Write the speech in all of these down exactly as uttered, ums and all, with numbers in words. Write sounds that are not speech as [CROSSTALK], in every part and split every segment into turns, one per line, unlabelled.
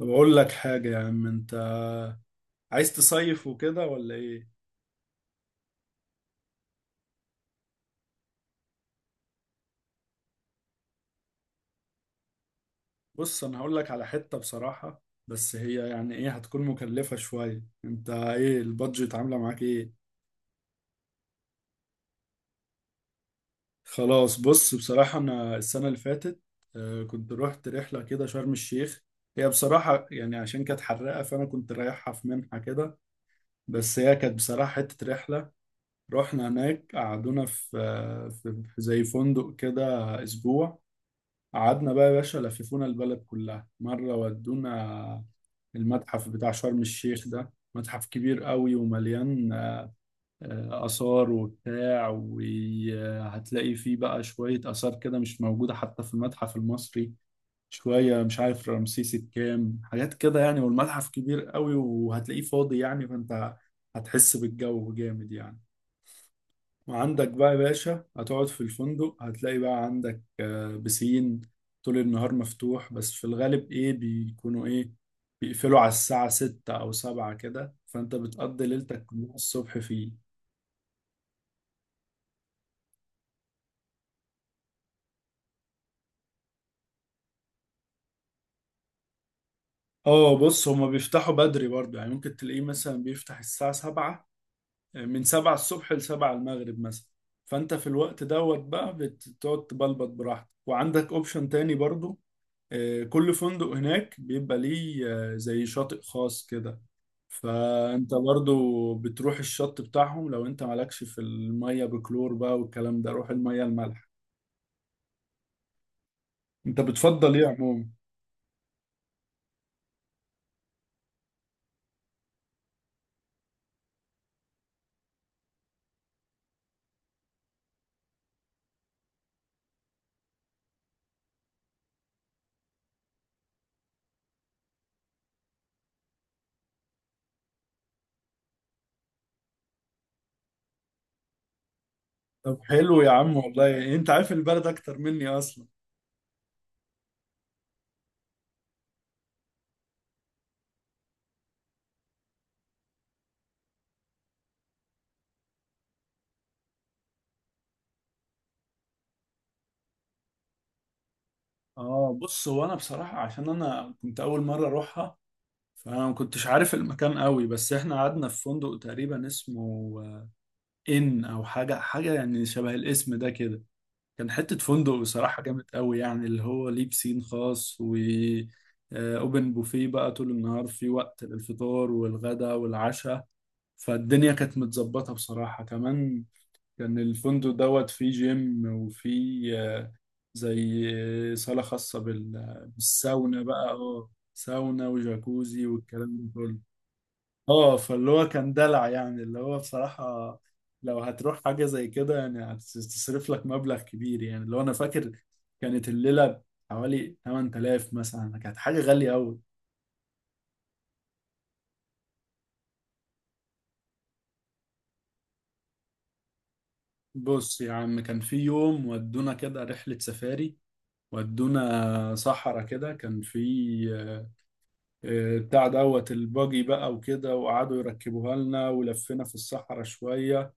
طب اقول لك حاجة يا عم. انت عايز تصيف وكده ولا ايه؟ بص، انا هقول لك على حتة بصراحة، بس هي يعني ايه، هتكون مكلفة شوية. انت ايه البادجت عاملة معاك ايه؟ خلاص، بص بصراحة انا السنة اللي فاتت آه، كنت رحت رحلة كده شرم الشيخ. هي بصراحة يعني عشان كانت حرقة، فانا كنت رايحها في منحة كده، بس هي كانت بصراحة حتة رحلة. رحنا هناك، قعدونا في آه، في في زي فندق كده اسبوع. قعدنا بقى يا باشا، لففونا البلد كلها مرة، ودونا المتحف بتاع شرم الشيخ. ده متحف كبير قوي ومليان آه، آثار وبتاع، وهتلاقي فيه بقى شوية آثار كده مش موجودة حتى في المتحف المصري. شوية مش عارف رمسيس الكام حاجات كده يعني، والمتحف كبير قوي وهتلاقيه فاضي يعني، فأنت هتحس بالجو جامد يعني. وعندك بقى يا باشا هتقعد في الفندق، هتلاقي بقى عندك آه، بسين طول النهار مفتوح، بس في الغالب ايه بيكونوا ايه، بيقفلوا على الساعة ستة أو سبعة كده، فأنت بتقضي ليلتك كلها الصبح فيه. اه بص، هما بيفتحوا بدري برضه يعني، ممكن تلاقيه مثلا بيفتح الساعة سبعة، آه، من سبعة الصبح لسبعة المغرب مثلا. فأنت في الوقت دوت بقى بتقعد تبلبط براحتك، وعندك اوبشن تاني برضه. آه، كل فندق هناك بيبقى ليه آه، زي شاطئ خاص كده، فانت برضو بتروح الشط بتاعهم. لو انت مالكش في المية بكلور بقى والكلام ده، روح المية المالحة. انت بتفضل ايه عموما؟ طب حلو يا عم، والله انت عارف البلد اكتر مني اصلا. اه بص، هو انا بصراحة عشان انا كنت اول مرة اروحها، فانا ما كنتش عارف المكان قوي، بس احنا قعدنا في فندق تقريبا اسمه آه، ان او حاجة، حاجة يعني شبه الاسم ده كده. كان حتة فندق بصراحة جامد قوي يعني، اللي هو ليه بسين خاص و آه، اوبن بوفيه بقى طول النهار، في وقت للفطار والغداء والعشاء. فالدنيا كانت متظبطة بصراحة. كمان كان الفندق دوت فيه جيم، وفيه آه، زي آه، صالة خاصة بال- بالساونا بقى. اه، ساونا وجاكوزي والكلام ده كله. اه، فاللي هو كان دلع يعني، اللي هو بصراحة لو هتروح حاجة زي كده يعني، هتصرف لك مبلغ كبير. يعني اللي هو أنا فاكر كانت الليلة حوالي ثمانية آلاف مثلا، كانت حاجة غالية أوي. بص يا عم، كان في يوم ودونا كده رحلة سفاري. ودونا صحرا كده، كان في آه، آه، بتاع دوت الباجي بقى وكده، وقعدوا يركبوها لنا، ولفينا في الصحراء شوية.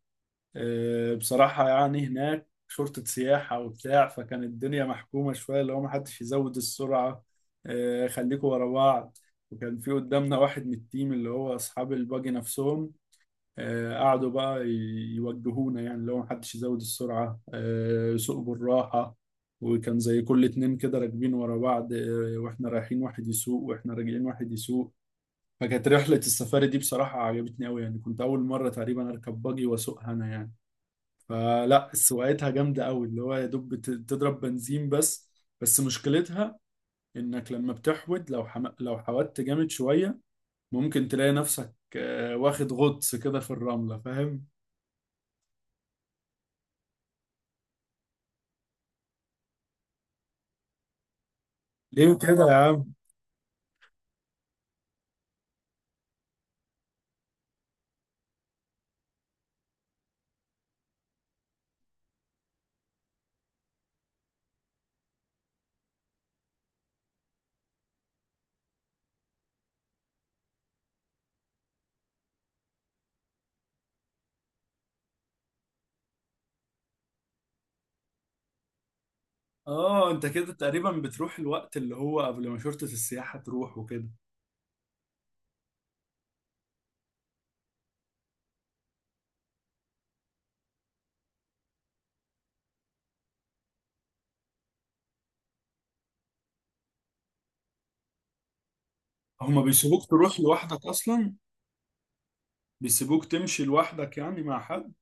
آه، بصراحة يعني هناك شرطة سياحة وبتاع، فكان الدنيا محكومة شوية، اللي هو محدش يزود السرعة، آه، خليكوا ورا بعض. وكان في قدامنا واحد من التيم اللي هو أصحاب الباجي نفسهم، آه، قعدوا بقى ي- يوجهونا، يعني اللي هو محدش يزود السرعة، آه، سوق بالراحة. وكان زي كل اتنين كده راكبين ورا بعض، آه، واحنا رايحين واحد يسوق، واحنا راجعين واحد يسوق. فكانت رحلة السفاري دي بصراحة عجبتني أوي، يعني كنت أول مرة تقريبا أركب باجي وأسوقها أنا يعني. فلا، سواقتها جامدة قوي، اللي هو يا دوب بت- بتضرب بنزين بس. بس مشكلتها انك لما بتحود، لو حم... لو حودت جامد شوية، ممكن تلاقي نفسك آه، واخد غطس كده في الرملة، فاهم؟ ليه كده يا عم؟ اه انت كده تقريبا بتروح الوقت اللي هو قبل ما شرطة السياحة تروح وكده. هما بيسيبوك تروح لوحدك اصلا؟ بيسيبوك تمشي لوحدك يعني مع حد؟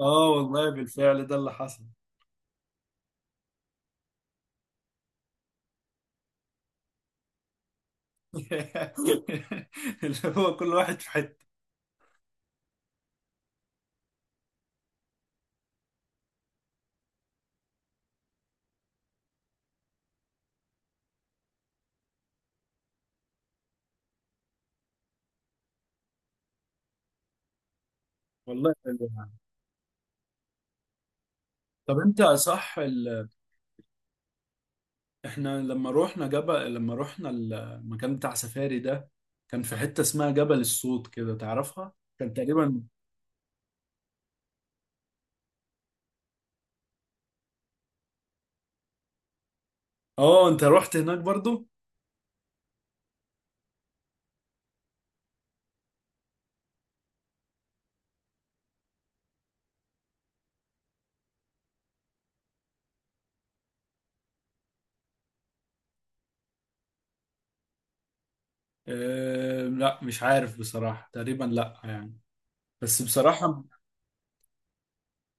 اه والله، بالفعل ده اللي حصل. [LAUGHS] اللي هو كل واحد في حتة. والله حلو. طب انت صح ال... احنا لما روحنا جبل، لما روحنا المكان بتاع سفاري ده، كان في حتة اسمها جبل الصوت كده، تعرفها؟ كان تقريبا، اه انت رحت هناك برضو. اه... لا مش عارف بصراحة، تقريبا لا يعني. بس بصراحة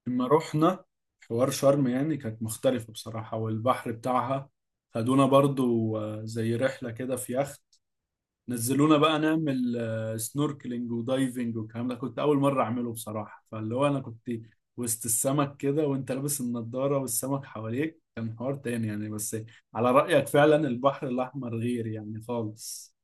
لما روحنا حوار شرم، يعني كانت مختلفة بصراحة، والبحر بتاعها خدونا برضو آه، زي رحلة كده في يخت. نزلونا بقى نعمل آه، سنوركلينج ودايفنج والكلام ده. كنت اول مره اعمله بصراحه، فاللي هو انا كنت وسط السمك كده، وانت لابس النضاره والسمك حواليك، كان حوار تاني يعني. بس على رايك فعلا، البحر الاحمر غير يعني خالص.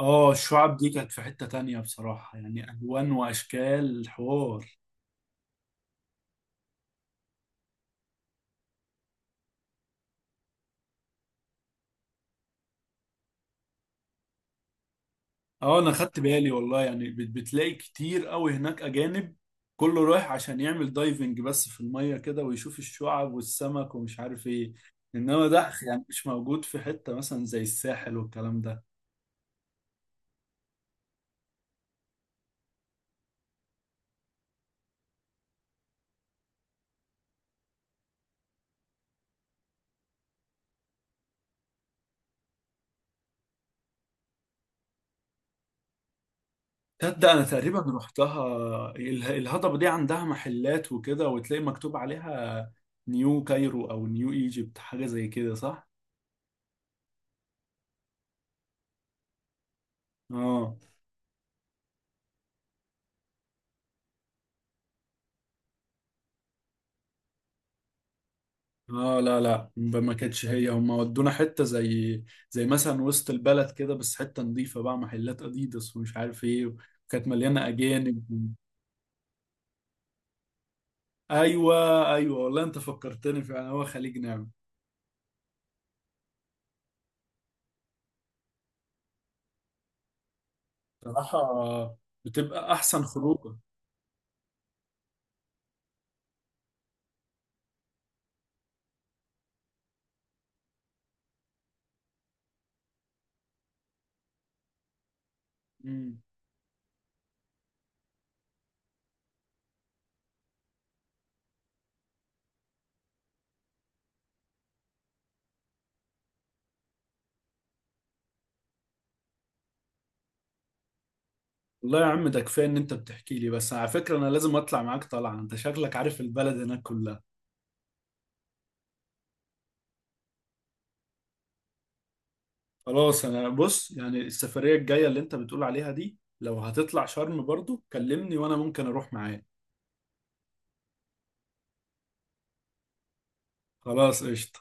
اه الشعب دي كانت في حته تانية بصراحه، يعني الوان واشكال حوار. اه انا خدت بالي والله يعني، بت- بتلاقي كتير قوي هناك اجانب، كله رايح عشان يعمل دايفنج بس في المية كده، ويشوف الشعب والسمك ومش عارف ايه. انما ده يعني مش موجود في حتة مثلا زي الساحل والكلام ده. تصدق انا تقريبا رحتها. اله- الهضبة دي عندها محلات وكده، وتلاقي مكتوب عليها نيو كايرو او نيو ايجيبت، حاجة زي كده صح؟ اه، اه لا لا، ب- ما كانتش هي. هم ودونا حته زي زي مثلا وسط البلد كده، بس حته نظيفه بقى، محلات اديداس ومش عارف ايه، وكانت مليانه اجانب. ايوه ايوه، والله انت فكرتني، فعلا هو خليج نعمه. بصراحه بتبقى احسن خروجه. مم. والله يا عم، ده كفايه ان انت بتحكي لي. بس على فكره انا لازم اطلع معاك طلعه، انت شكلك عارف البلد هناك كلها. خلاص، انا بص يعني السفريه الجايه اللي انت بتقول عليها دي، لو هتطلع شرم برضو كلمني وانا ممكن اروح معاك. خلاص قشطة.